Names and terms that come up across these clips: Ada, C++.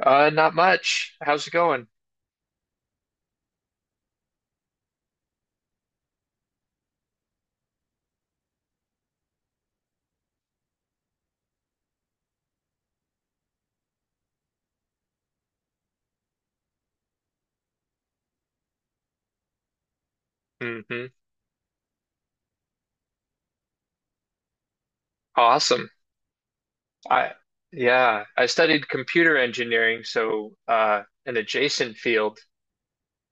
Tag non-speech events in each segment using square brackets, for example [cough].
Not much. How's it going? Hmm. Awesome. I Yeah, I studied computer engineering, so an adjacent field.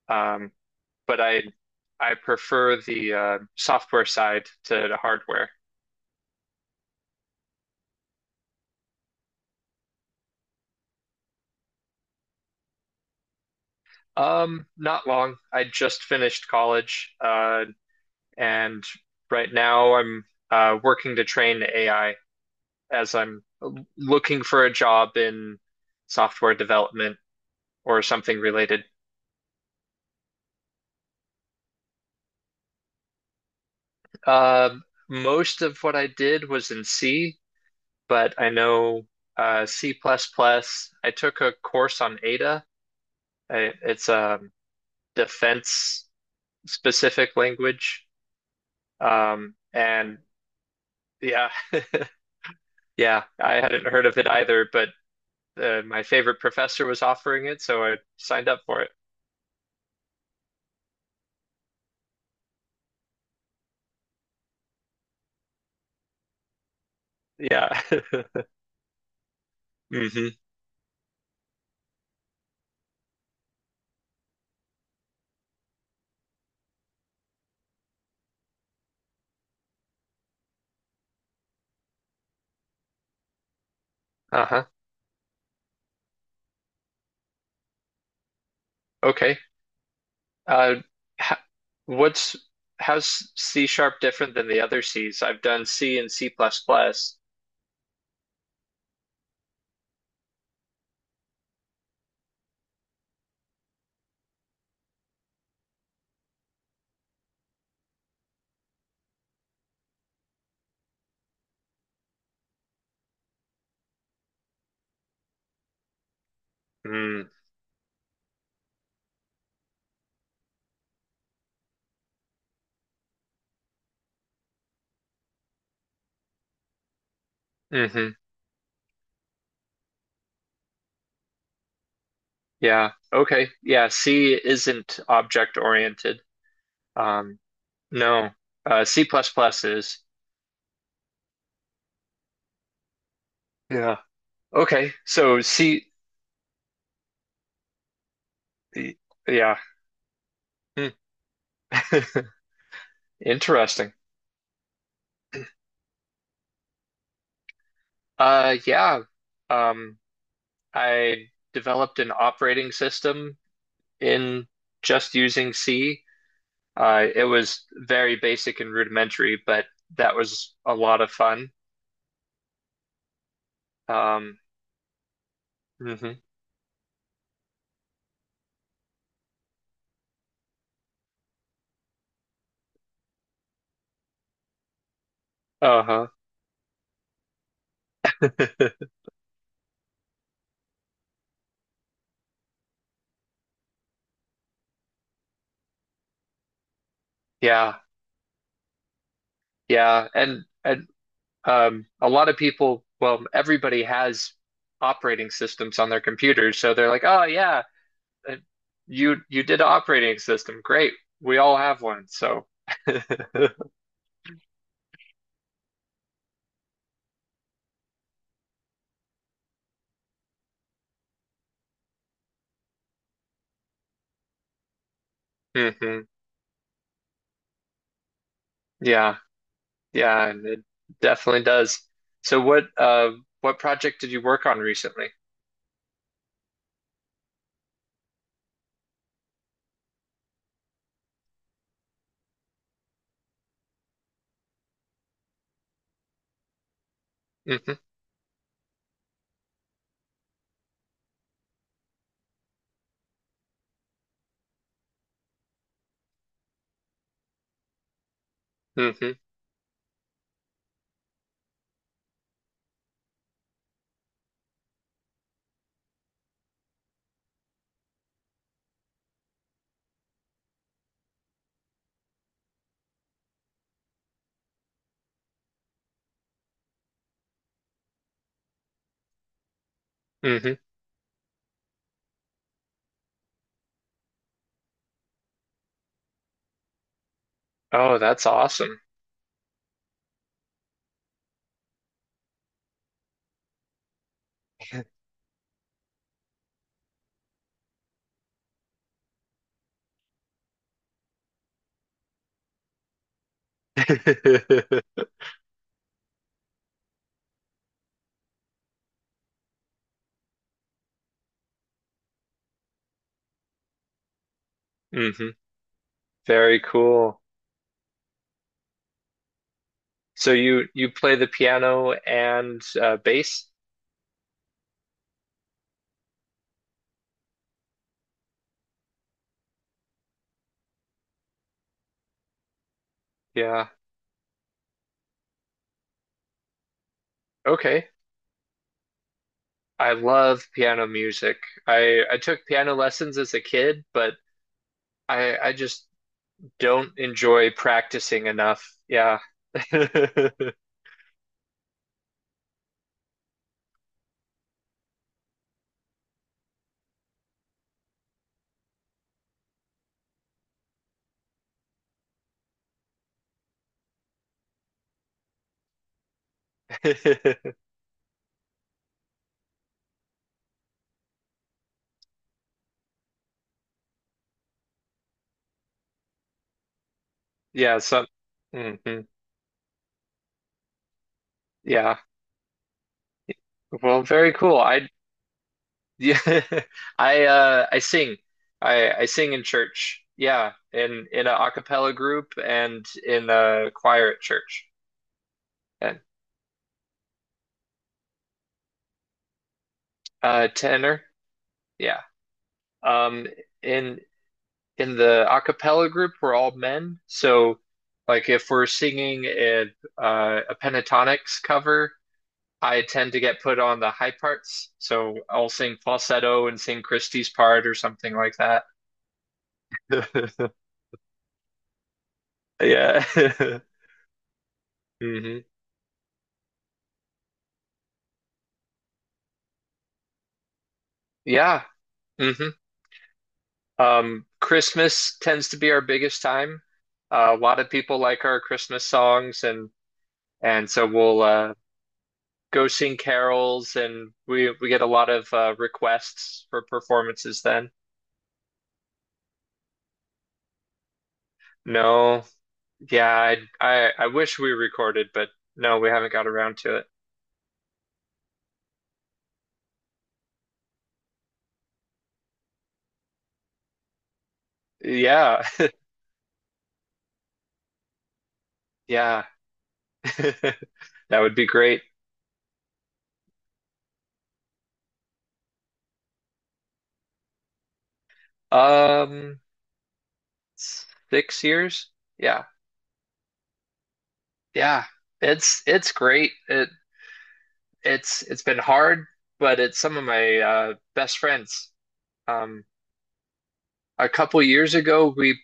Um, but I prefer the software side to the hardware. Not long. I just finished college, and right now I'm working to train AI as I'm looking for a job in software development or something related. Most of what I did was in C, but I know C++. Plus plus. I took a course on Ada. It's a defense specific language. And yeah, [laughs] yeah, I hadn't heard of it either, but my favorite professor was offering it, so I signed up for it. Yeah. [laughs] Hmm. Uh-huh. Okay. Uh, h- what's how's C sharp different than the other C's? I've done C and C plus plus. Mm. Hmm. Yeah. Okay. Yeah. C isn't object oriented. Um, no. C plus plus is. Yeah. Okay. So C. y- Yeah. Hmm. [laughs] Interesting. Yeah. Um, I developed an operating system in just using C. It was very basic and rudimentary, but that was a lot of fun. Um, hmm. Uh-huh. [laughs] Yeah. Yeah. And a lot of people, well, everybody has operating systems on their computers, so they're like, "Oh yeah, uh, you did an operating system. Great. We all have one." So [laughs] hmm. Yeah. Yeah, and it definitely does. So what what project did you work on recently? Hmm. Hmm. Hmm. Oh, that's awesome. [laughs] Hmm. Very cool. So you play the piano and bass? Yeah. Okay. I love piano music. I took piano lessons as a kid, but I just don't enjoy practicing enough. Yeah. [laughs] Yeah, so mhm. Yeah. Well, very cool. I Yeah, [laughs] I sing. I sing in church. Yeah, in a cappella group and in a choir at church. And tenor. Yeah. Um in in the a cappella group we're all men. So like if we're singing a pentatonics cover, I tend to get put on the high parts. So I'll sing falsetto and sing Christie's part or something like that. [laughs] Yeah. [laughs] Hmm. Yeah. Hmm. Christmas tends to be our biggest time. A lot of people like our Christmas songs, and so we'll go sing carols, and we get a lot of requests for performances then. No, yeah, I wish we recorded, but no, we haven't got around to it. Yeah, [laughs] yeah, [laughs] that would be great. Um, 6 years? Yeah, yeah, it's great. It's been hard, but it's some of my best friends. Um, a couple years ago, we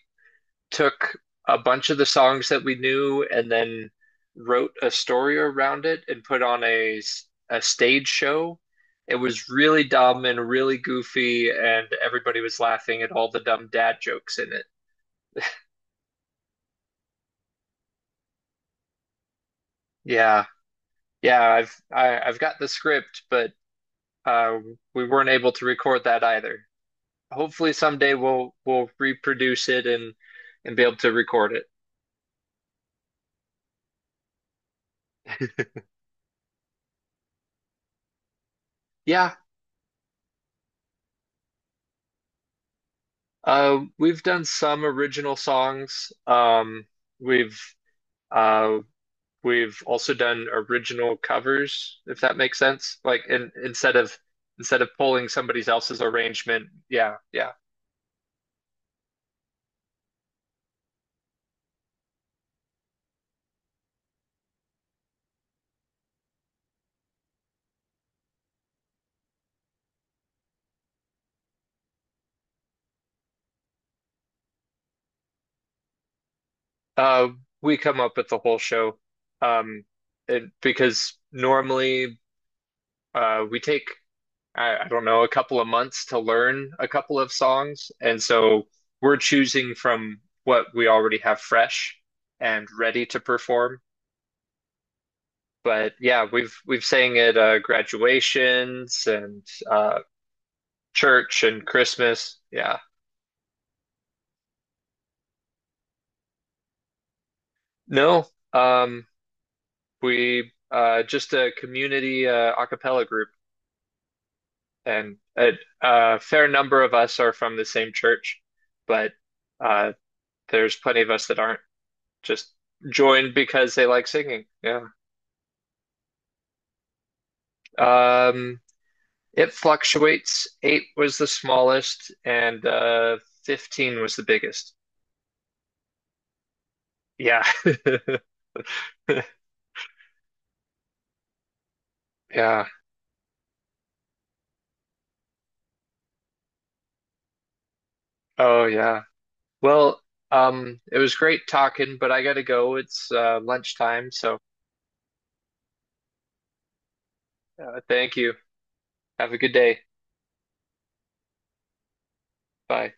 took a bunch of the songs that we knew and then wrote a story around it and put on a stage show. It was really dumb and really goofy, and everybody was laughing at all the dumb dad jokes in it. Yeah, yeah, I've got the script, but uh, we weren't able to record that either. Hopefully someday we'll reproduce it and be able to record it. Yeah, we've done some original songs. We've uh, we've also done original covers, if that makes sense. Instead of pulling somebody else's arrangement, yeah, yeah. Uh, we come up with the whole show um, and because normally we take I don't know, a couple of months to learn a couple of songs. And so we're choosing from what we already have fresh and ready to perform. But yeah, we've sang at graduations and uh, church and Christmas. Yeah. No, um, we just a community a cappella group, and a fair number of us are from the same church, but uh, there's plenty of us that aren't. Just joined because they like singing. Yeah. Um, it fluctuates. Eight was the smallest, and 15 was the biggest. Yeah. [laughs] Yeah. Oh, yeah. Well, it was great talking, but I gotta go. It's lunchtime, so thank you. Have a good day. Bye.